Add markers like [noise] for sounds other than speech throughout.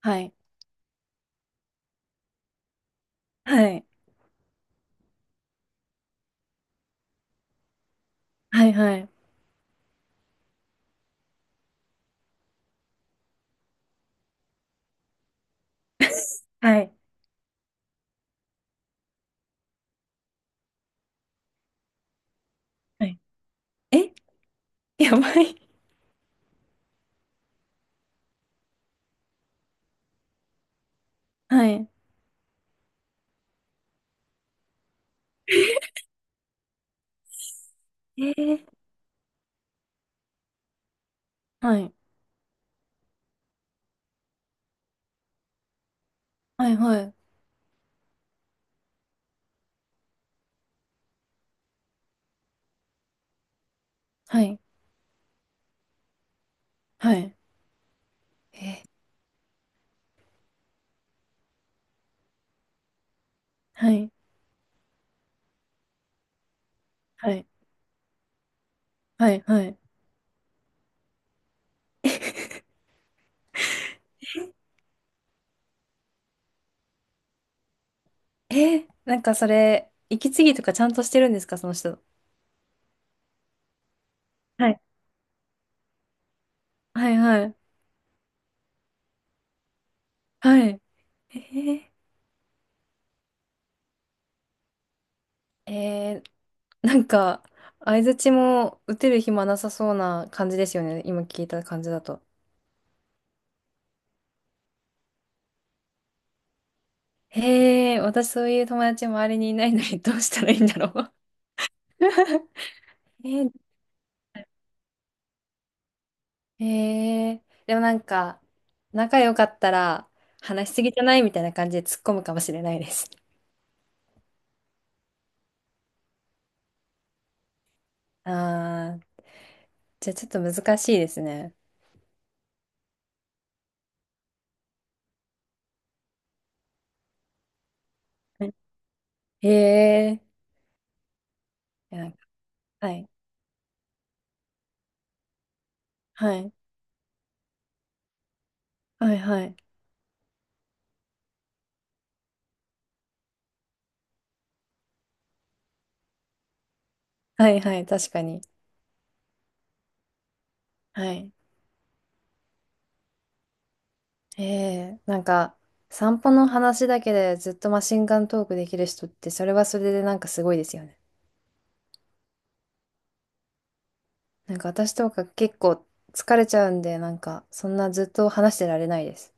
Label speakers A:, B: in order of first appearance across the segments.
A: はい。はい。はい。はい。[laughs] はい。はい。え。 [laughs] やばい。はい。[laughs] えー、はい。はい。はい。はい。はい。えーはい。はい。はい。はい。[laughs] なんかそれ、息継ぎとかちゃんとしてるんですか、その人。はい。はい。はい。はい。えー、えーなんか、相槌も打てる暇なさそうな感じですよね。今聞いた感じだと。へえ、私そういう友達周りにいないのにどうしたらいいんだろう。[laughs] えー、へえ、でもなんか、仲良かったら話しすぎじゃないみたいな感じで突っ込むかもしれないです。[laughs] ああ、じゃあちょっと難しいですね。はい。へえ、いや、はい、はい、はい、はい、はい、はい、確かに。はい。へえ、なんか、散歩の話だけでずっとマシンガントークできる人って、それはそれでなんかすごいですよね。なんか私とか結構疲れちゃうんで、なんかそんなずっと話してられないです。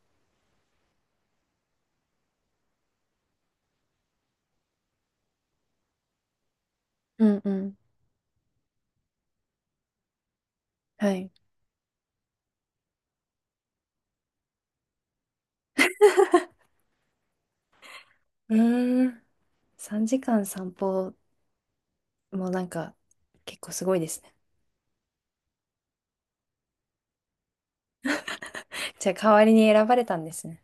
A: うんうん。はい。うーん。3時間散歩もなんか結構すごいですね。[laughs] じゃあ代わりに選ばれたんですね。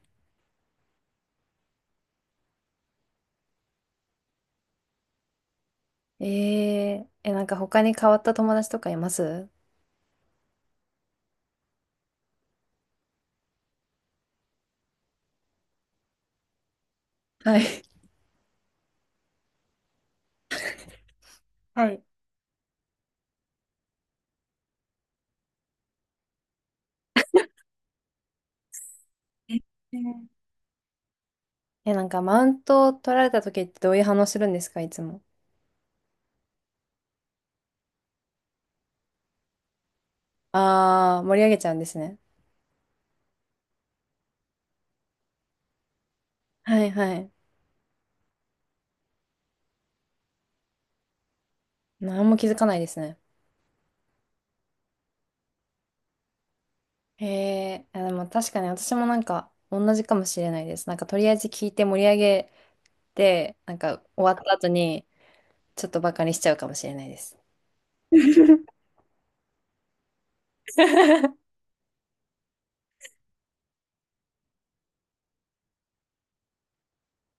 A: ええ、なんか他に変わった友達とかいます？はい。[laughs] はい。えーえ、なんかマウントを取られた時ってどういう反応するんですか、いつも。あー、盛り上げちゃうんですね。はいはい。何も気づかないですね。へえ、あ、でも確かに私もなんか同じかもしれないです。なんかとりあえず聞いて盛り上げて、なんか終わった後にちょっとバカにしちゃうかもしれないです。[laughs]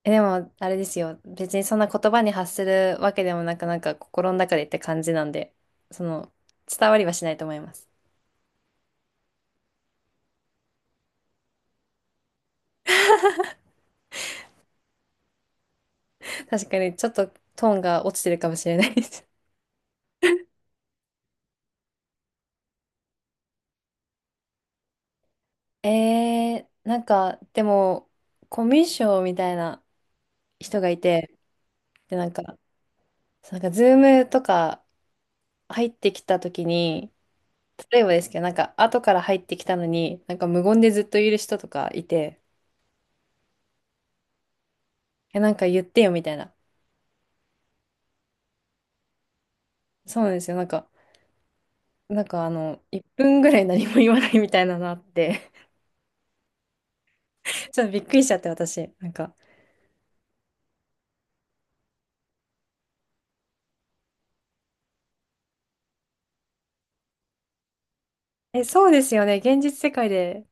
A: え、でもあれですよ。別にそんな言葉に発するわけでもなく、なんか心の中でって感じなんで、その伝わりはしないと思います。[laughs] 確かにちょっとトーンが落ちてるかもしれないです。[laughs] なんかでもコミュ障みたいな人がいて、で、なんかズームとか入ってきた時に、例えばですけど、なんか後から入ってきたのに、なんか無言でずっといる人とかいて、え、なんか言ってよみたいな。そうなんですよ。なんか、1分ぐらい何も言わないみたいなのあって、[laughs] ちょっとびっくりしちゃって私。なんか、え、そうですよね。現実世界で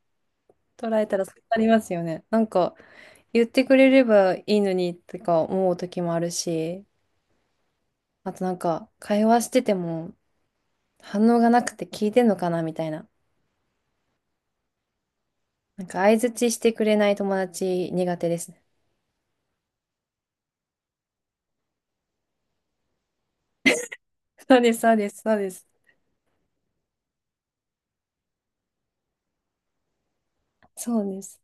A: 捉えたらそうなりますよね。なんか、言ってくれればいいのにとか思う時もあるし、あとなんか、会話してても反応がなくて聞いてんのかなみたいな。なんか相槌してくれない友達苦手ですね。[laughs] そうです、そうです、そうです。そうです。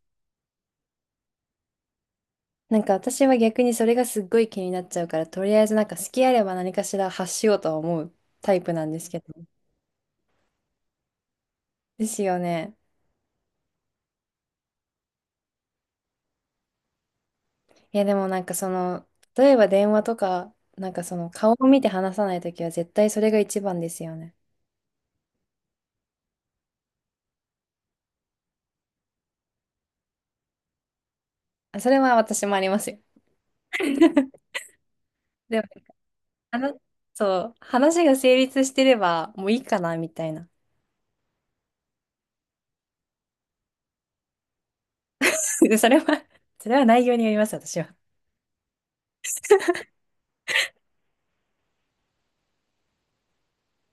A: なんか私は逆にそれがすっごい気になっちゃうから、とりあえずなんか好きあれば何かしら発しようとは思うタイプなんですけど。ですよね。いや、でもなんかその、例えば電話とか、なんかその顔を見て話さないときは絶対それが一番ですよね。あ、それは私もありますよ。[laughs] でも、あの、そう、話が成立してればもういいかなみたいな。[laughs] それは、それは内容によります、私は。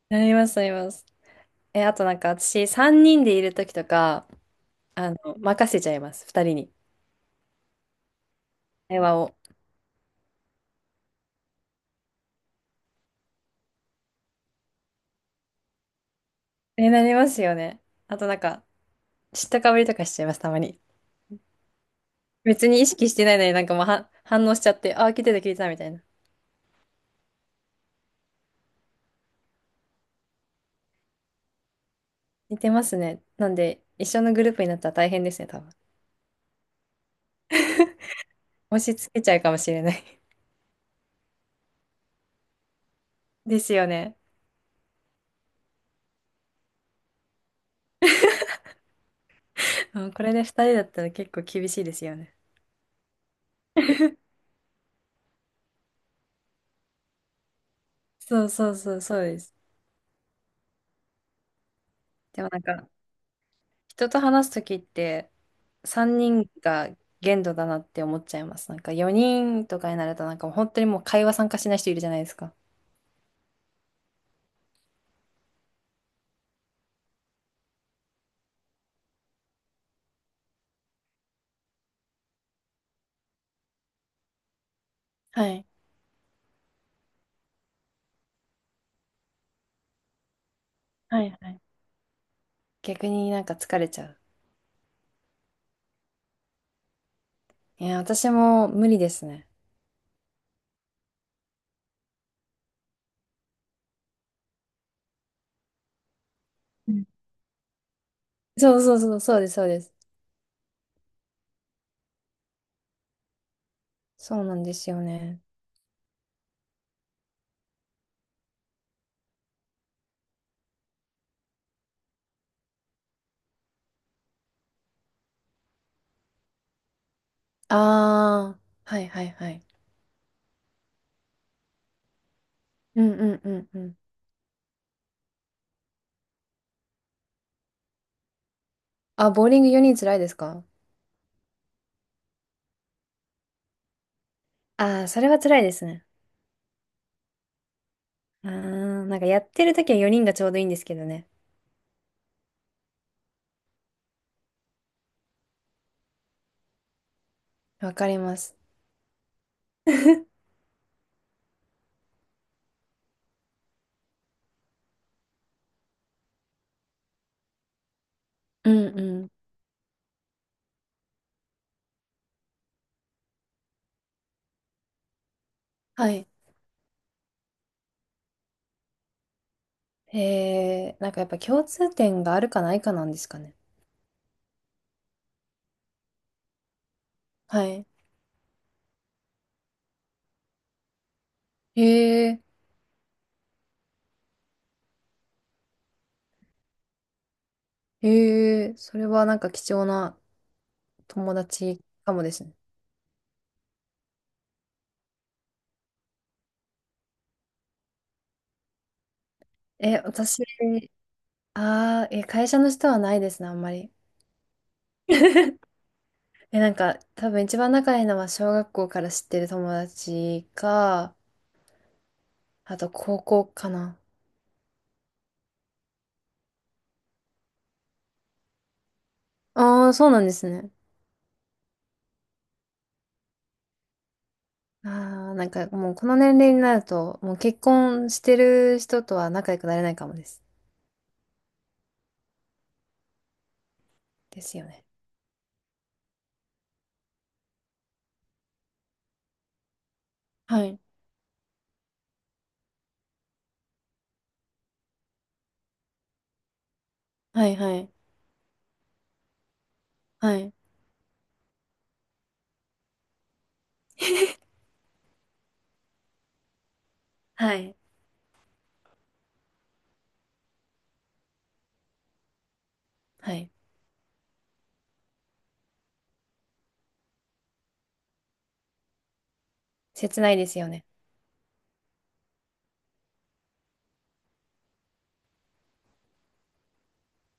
A: なります、なります。え、あとなんか私、3人でいるときとか、任せちゃいます、2人に。会話を。え、なりますよね。あとなんか、知ったかぶりとかしちゃいます、たまに。別に意識してないのになんかもうは反応しちゃって、あ、聞いてた、聞いてた、みたいな。似てますね。なんで、一緒のグループになったら大変ですね、多分。押し付けちゃうかもしれない。 [laughs] ですよね。うん。これで2人だったら結構厳しいですよね。そうそうそう、そうです。でもなんか、人と話すときって3人が限度だなって思っちゃいます。なんか4人とかになるとなんかもう本当にもう会話参加しない人いるじゃないですか。はい。はいはい。逆になんか疲れちゃう。いや、私も無理ですね。うん。そうそうそう、そうです、そうです。そうなんですよね。ああ、はいはいはい。うんうんうんうん。あ、ボーリング4人辛いですか？ああー、それは辛いですね。うーん、なんかやってるときは4人がちょうどいいんですけどね。わかります。[laughs] うんうん。はい。へえ、なんかやっぱ共通点があるかないかなんですかね。はい。へえ、へえ、それはなんか貴重な友達かもですね。え、私、ああ、え、会社の人はないですね、あんまり。[laughs] え、なんか多分一番仲いいのは小学校から知ってる友達か、あと高校かな。ああ、そうなんですね。ああ、なんかもうこの年齢になると、もう結婚してる人とは仲良くなれないかもです。ですよね。はい。はいはい。はい。はい。はい。切ないですよね。